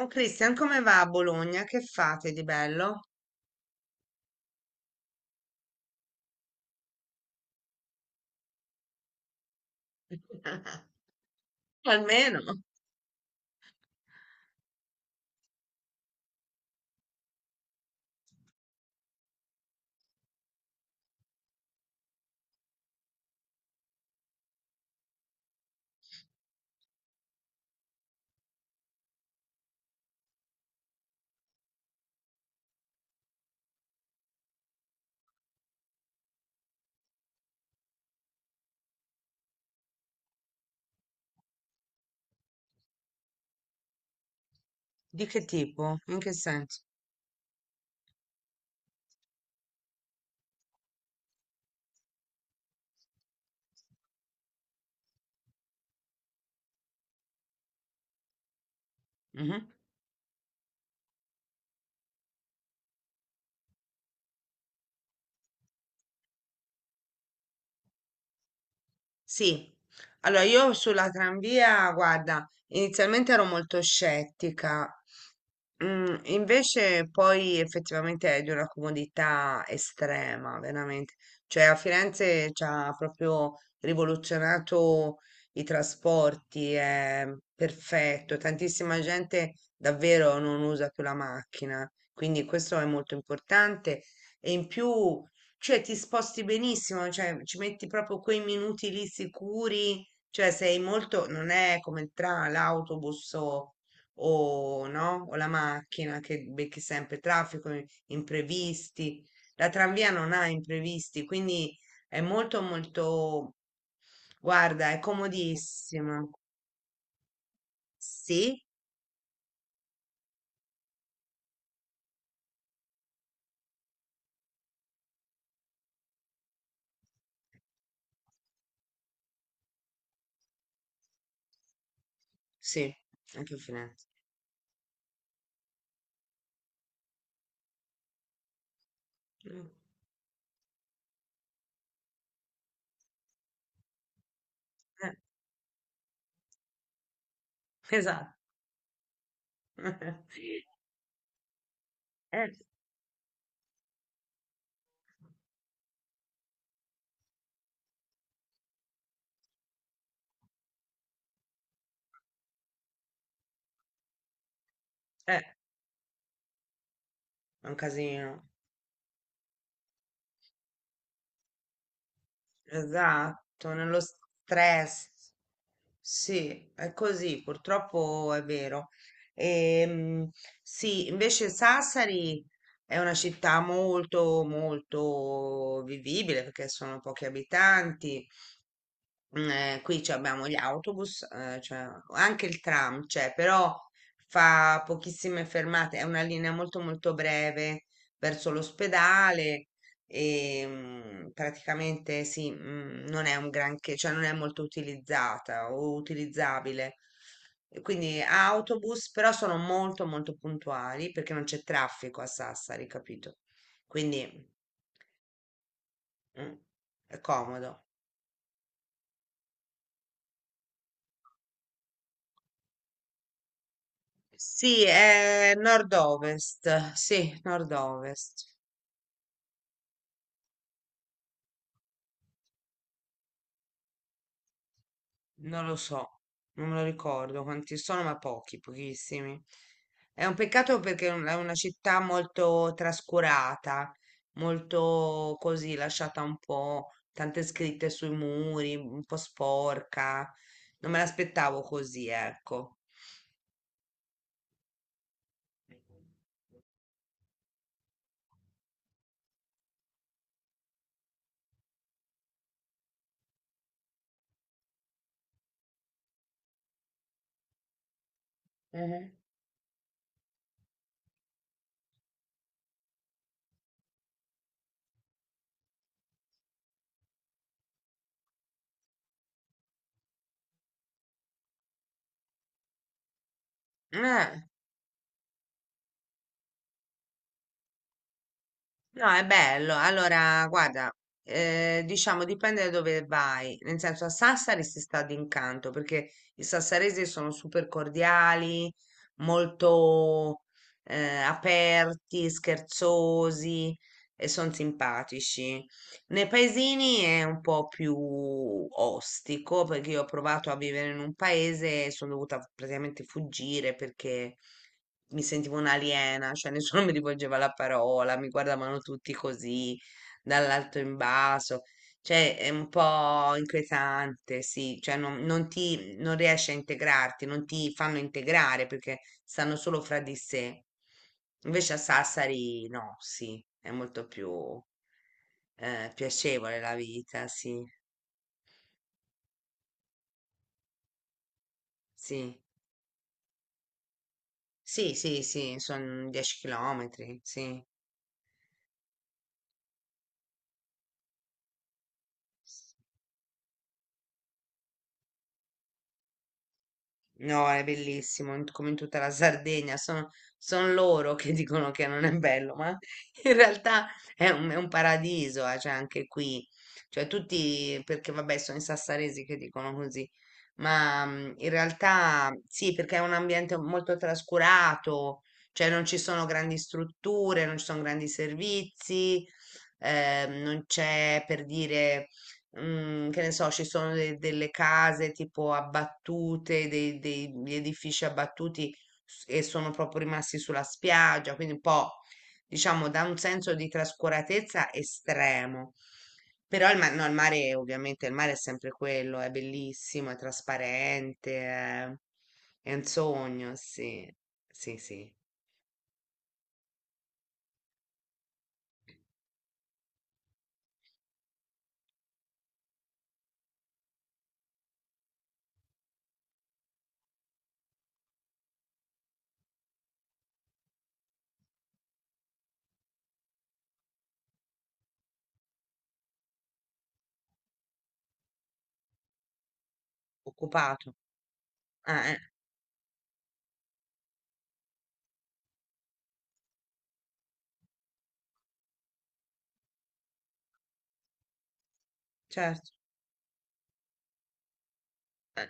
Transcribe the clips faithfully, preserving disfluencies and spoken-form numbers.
Oh Cristian, come va a Bologna? Che fate di bello? Almeno. Di che tipo? In che senso? Mhm. Sì. Allora, io sulla tranvia, guarda, inizialmente ero molto scettica. Mm, invece poi effettivamente è di una comodità estrema, veramente. Cioè a Firenze ci ha proprio rivoluzionato i trasporti, è perfetto, tantissima gente davvero non usa più la macchina, quindi questo è molto importante e in più, cioè ti sposti benissimo, cioè ci metti proprio quei minuti lì sicuri, cioè sei molto, non è come il tram, l'autobus o o no? O la macchina che becchi sempre traffico, i- imprevisti. La tranvia non ha imprevisti, quindi è molto molto, guarda, è comodissima. Sì, sì, anche Firenze. Mm, eh, esatto. Eh, eh, è un casino. Esatto, nello stress. Sì, è così, purtroppo è vero. Ehm, sì, invece Sassari è una città molto, molto vivibile perché sono pochi abitanti. Mm, eh, qui ci abbiamo gli autobus, eh, cioè, anche il tram c'è, però fa pochissime fermate, è una linea molto molto breve verso l'ospedale e mm, praticamente sì, mm, non è un granché, cioè non è molto utilizzata o utilizzabile. E quindi autobus, però sono molto molto puntuali perché non c'è traffico a Sassari, capito? Quindi mm, è comodo. Sì, è nord-ovest, sì, nord-ovest, non lo so, non me lo ricordo quanti sono, ma pochi, pochissimi. È un peccato perché è un- è una città molto trascurata, molto così, lasciata un po', tante scritte sui muri, un po' sporca. Non me l'aspettavo così, ecco. Mhm. Eh. No, è bello. Allora, guarda, eh, diciamo dipende da dove vai. Nel senso, a Sassari si sta d'incanto perché i sassaresi sono super cordiali, molto eh, aperti, scherzosi e sono simpatici. Nei paesini è un po' più ostico perché io ho provato a vivere in un paese e sono dovuta praticamente fuggire perché mi sentivo un'aliena, cioè nessuno mi rivolgeva la parola, mi guardavano tutti così dall'alto in basso. Cioè, è un po' inquietante, sì, cioè non, non ti, non riesci a integrarti, non ti fanno integrare perché stanno solo fra di sé. Invece a Sassari no, sì, è molto più eh, piacevole la vita, sì, sì, sì, sì, sì, sono dieci chilometri, sì. No, è bellissimo, in- come in tutta la Sardegna, sono, son loro che dicono che non è bello, ma in realtà è un, è un paradiso, eh, cioè anche qui, cioè tutti, perché vabbè sono i sassaresi che dicono così, ma mm, in realtà sì, perché è un ambiente molto trascurato, cioè non ci sono grandi strutture, non ci sono grandi servizi, eh, non c'è per dire mm, che ne so, ci sono de- delle case tipo abbattute, dei- degli edifici abbattuti s- e sono proprio rimasti sulla spiaggia, quindi un po', diciamo, da un senso di trascuratezza estremo. Però il, ma- no, il mare, ovviamente, il mare è sempre quello, è bellissimo, è trasparente, è, è un sogno, sì, sì, sì, occupato, eh, eh, certo, eh,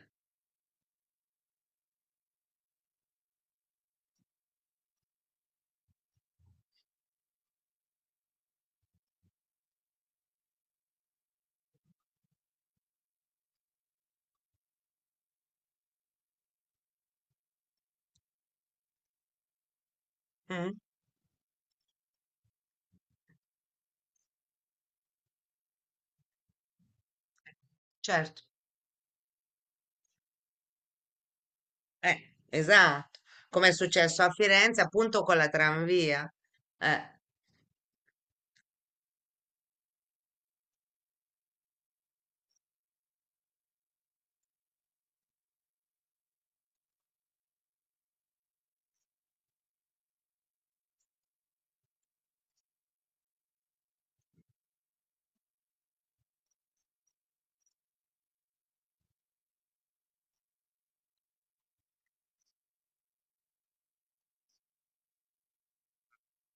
mm, certo. Eh, esatto, come è successo a Firenze appunto con la tranvia. Eh,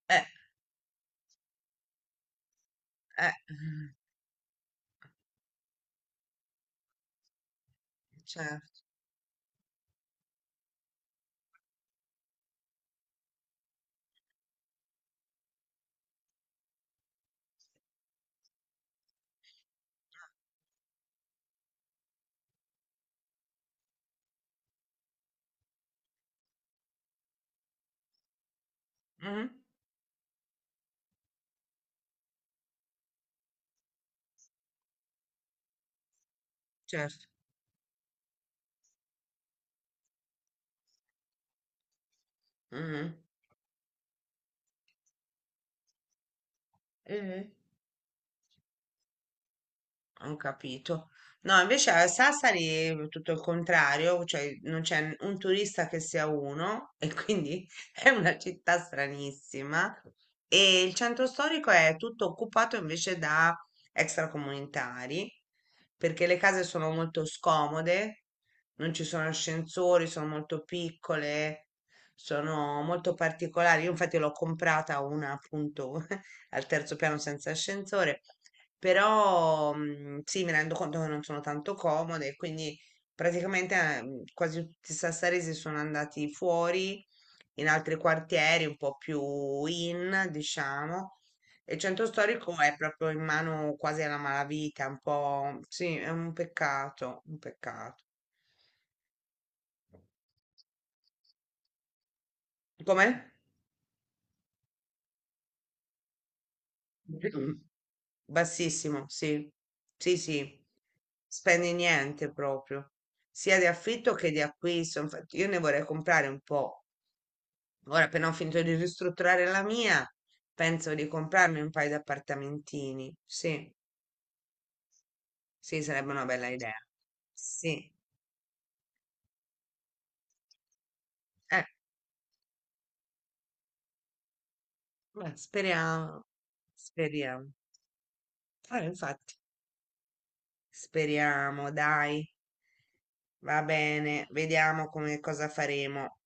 eh, eh, mm, certo, Mhm, certo. Mhm. Mhm. Ho capito. No, invece a Sassari è tutto il contrario, cioè non c'è un turista che sia uno e quindi è una città stranissima e il centro storico è tutto occupato invece da extracomunitari perché le case sono molto scomode, non ci sono ascensori, sono molto piccole, sono molto particolari. Io infatti l'ho comprata una appunto al terzo piano senza ascensore però mm, sì, mi rendo conto che non sono tanto comode, quindi praticamente eh, mm, quasi tutti i sassaresi sono andati fuori in altri quartieri, un po' più in, diciamo. E il centro storico è proprio in mano quasi alla malavita, un po', sì, è un peccato, un peccato. Com'è? Mm. Bassissimo, sì, sì, sì, spendi niente proprio, sia di affitto che di acquisto. Infatti, io ne vorrei comprare un po'. Ora, appena ho finito di ristrutturare la mia, penso di comprarmi un paio di appartamentini. Sì, sì, sarebbe una bella idea. Sì, eh, beh, speriamo, speriamo. Ah, infatti, speriamo, dai, va bene, vediamo come cosa faremo.